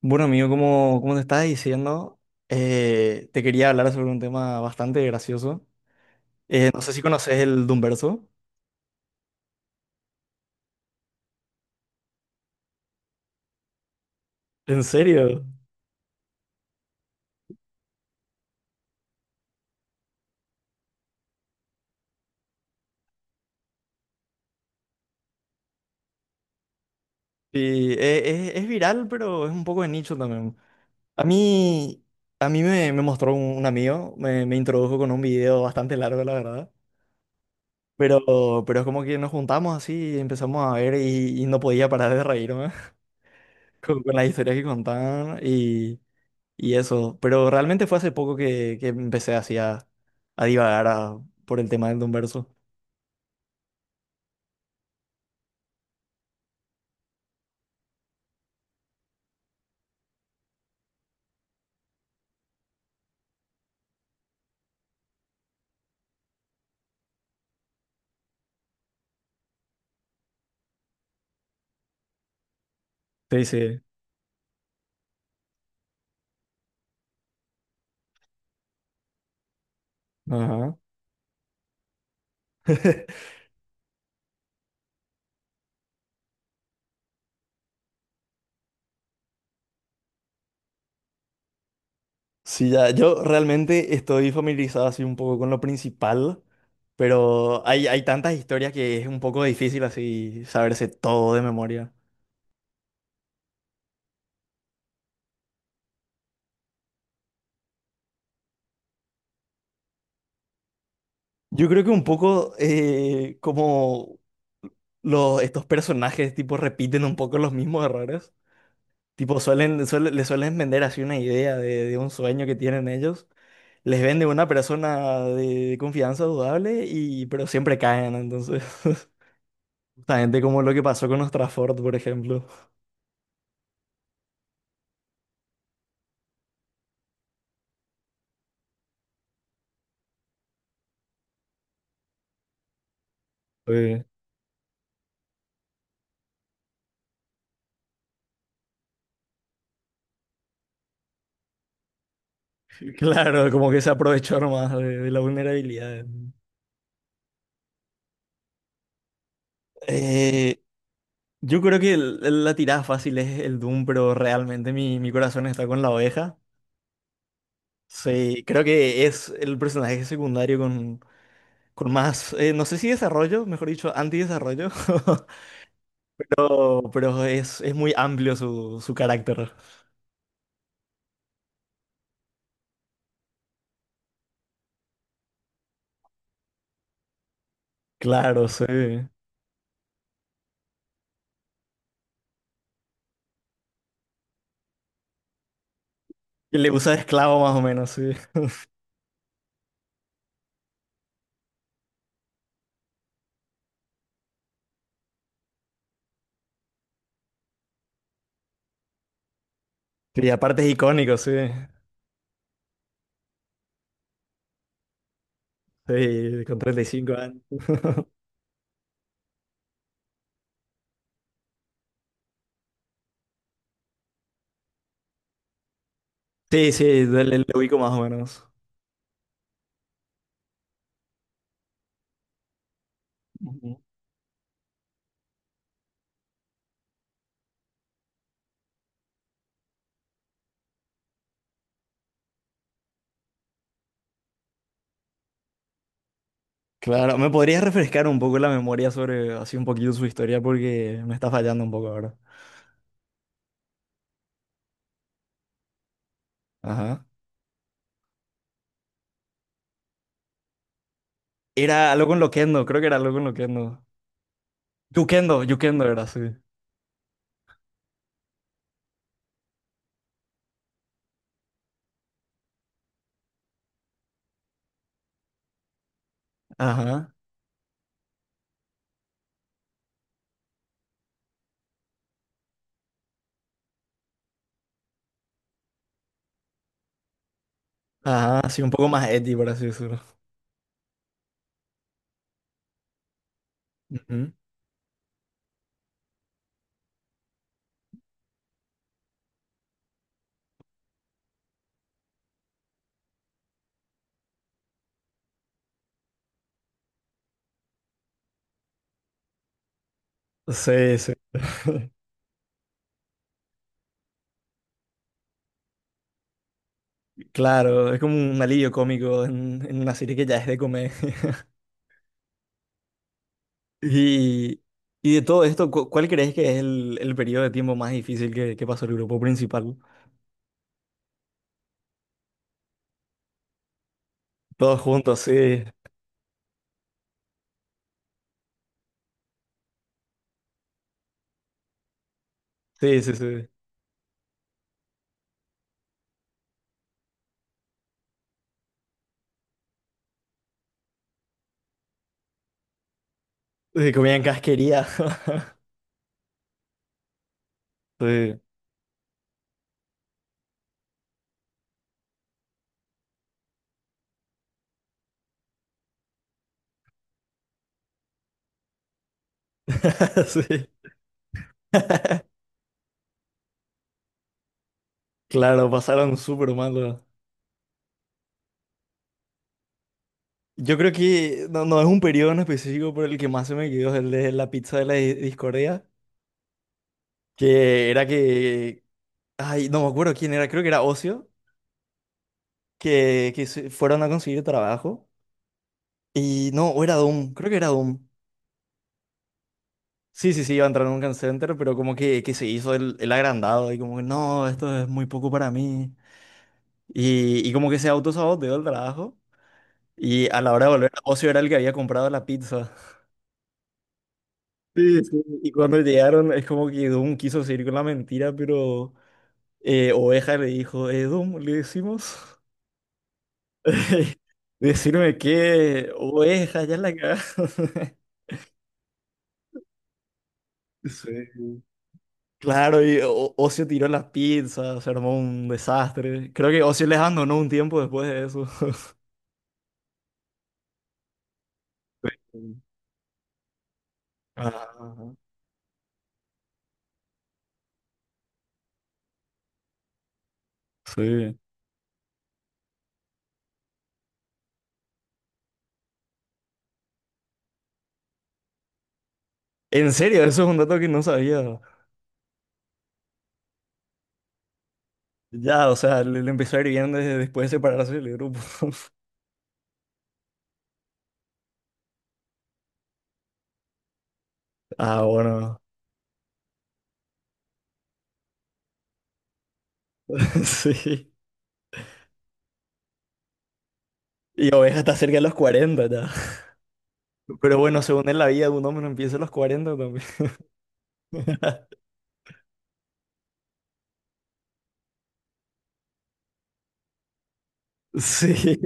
Bueno, amigo, como te estaba diciendo, te quería hablar sobre un tema bastante gracioso. No sé si conoces el Doomverso. ¿En serio? Sí, es viral, pero es un poco de nicho también. A mí, a mí me mostró un amigo, me introdujo con un video bastante largo, la verdad. Pero, pero es como que nos juntamos así, y empezamos a ver y no podía parar de reírme con las historias que contaban y eso, pero realmente fue hace poco que empecé así a divagar por el tema del Don Verso. Sí, sí. Ajá. Sí, ya, yo realmente estoy familiarizado así un poco con lo principal, pero hay tantas historias que es un poco difícil así saberse todo de memoria. Yo creo que un poco como estos personajes tipo repiten un poco los mismos errores, tipo le suelen vender así una idea de un sueño que tienen ellos. Les vende una persona de confianza dudable y pero siempre caen, entonces justamente como lo que pasó con Ostrafort, por ejemplo. Fue- Claro, como que se aprovechó nomás de la vulnerabilidad. Eh, yo creo que la tirada fácil es el Doom, pero realmente mi corazón está con la oveja. Sí, creo que es el personaje secundario con más, no sé si desarrollo, mejor dicho, antidesarrollo, pero es muy amplio su carácter. Claro, sí. Y le usa de esclavo más o menos, sí. Y aparte es icónico, sí. Sí, con 35 años. Sí, sí, le ubico más o menos. Ujú. Claro, ¿me podrías refrescar un poco la memoria sobre así un poquito su historia? Porque me está fallando un poco ahora. Ajá. Era algo con Loquendo, creo que era algo con Loquendo. Yukendo, Yukendo era, sí. Ajá. Ajá, así un poco más edgy, por así decirlo. Ujú. Sí, sí. Claro, es como un alivio cómico en, una serie que ya es de comedia. Y, y de todo esto, ¿cuál crees que es el periodo de tiempo más difícil que pasó el grupo principal? Todos juntos, sí, sí, sí, sí. Sí, comían casquería. Sí. Sí. Claro, pasaron súper mal. Yo creo que no, no es un periodo en específico, pero el que más se me quedó es el de la pizza de la discordia, que era que, ay, no me acuerdo quién era, creo que era Ocio, que se fueron a conseguir trabajo. Y no, o era Doom, creo que era Doom. Sí, sí, sí, iba a entrar en un call center, pero como que se hizo el agrandado y como que no, esto es muy poco para mí. Y como que se autosaboteó el trabajo. Y a la hora de volver, Ocio era el que había comprado la pizza. Sí, sí. Y cuando llegaron, es como que Doom quiso seguir con la mentira, pero Oveja le dijo, Doom, le decimos, decirme que Oveja, ya la cagaste. Sí. Claro, y Ocio tiró las pizzas, se armó un desastre. Creo que Ocio les abandonó un tiempo después de eso. Sí. Ajá. Ajá. Sí. En serio, eso es un dato que no sabía. Ya, o sea, le empezó a ir bien desde después de separarse del grupo. Ah, bueno. Sí. Y Oveja está cerca de los 40 ya. Pero bueno, según en la vida de un hombre no empieza a los 40 también. Sí,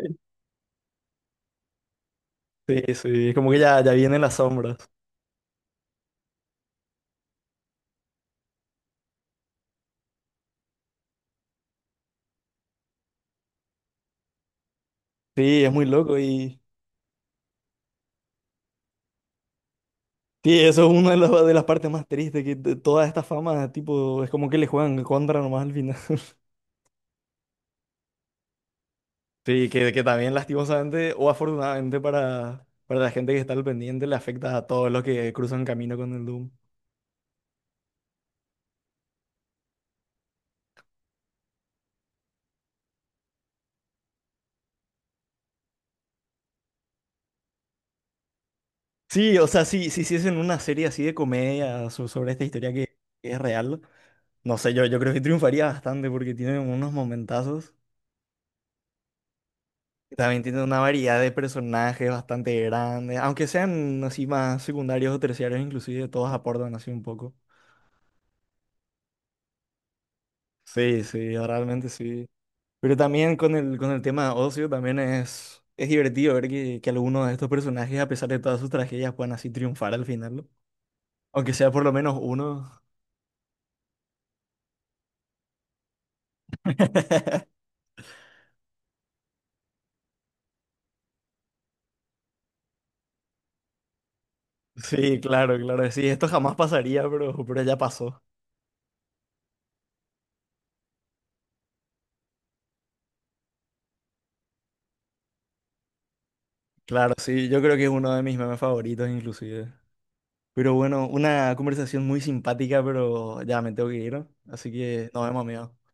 sí, sí. Es como que ya viene en las sombras. Sí, es muy loco y... Sí, eso es una de las, partes más tristes, que de toda esta fama, tipo, es como que le juegan en contra nomás al final. Sí, que también lastimosamente o afortunadamente para la gente que está al pendiente le afecta a todos los que cruzan camino con el Doom. Sí, o sea, si hiciesen una serie así de comedia sobre esta historia que, es real, no sé, yo creo que triunfaría bastante porque tiene unos momentazos. Y También tiene una variedad de personajes bastante grande, aunque sean así más secundarios o terciarios, inclusive todos aportan así un poco. Sí, sí, realmente sí. Pero también con el, tema de ocio, también es divertido ver que algunos de estos personajes, a pesar de todas sus tragedias, puedan así triunfar al final, ¿no? Aunque sea por lo menos uno. Sí, claro, claro, sí, esto jamás pasaría, pero, ya pasó. Claro, sí, yo creo que es uno de mis memes favoritos inclusive. Pero bueno, una conversación muy simpática, pero ya me tengo que ir, ¿no? Así que nos vemos, amigos.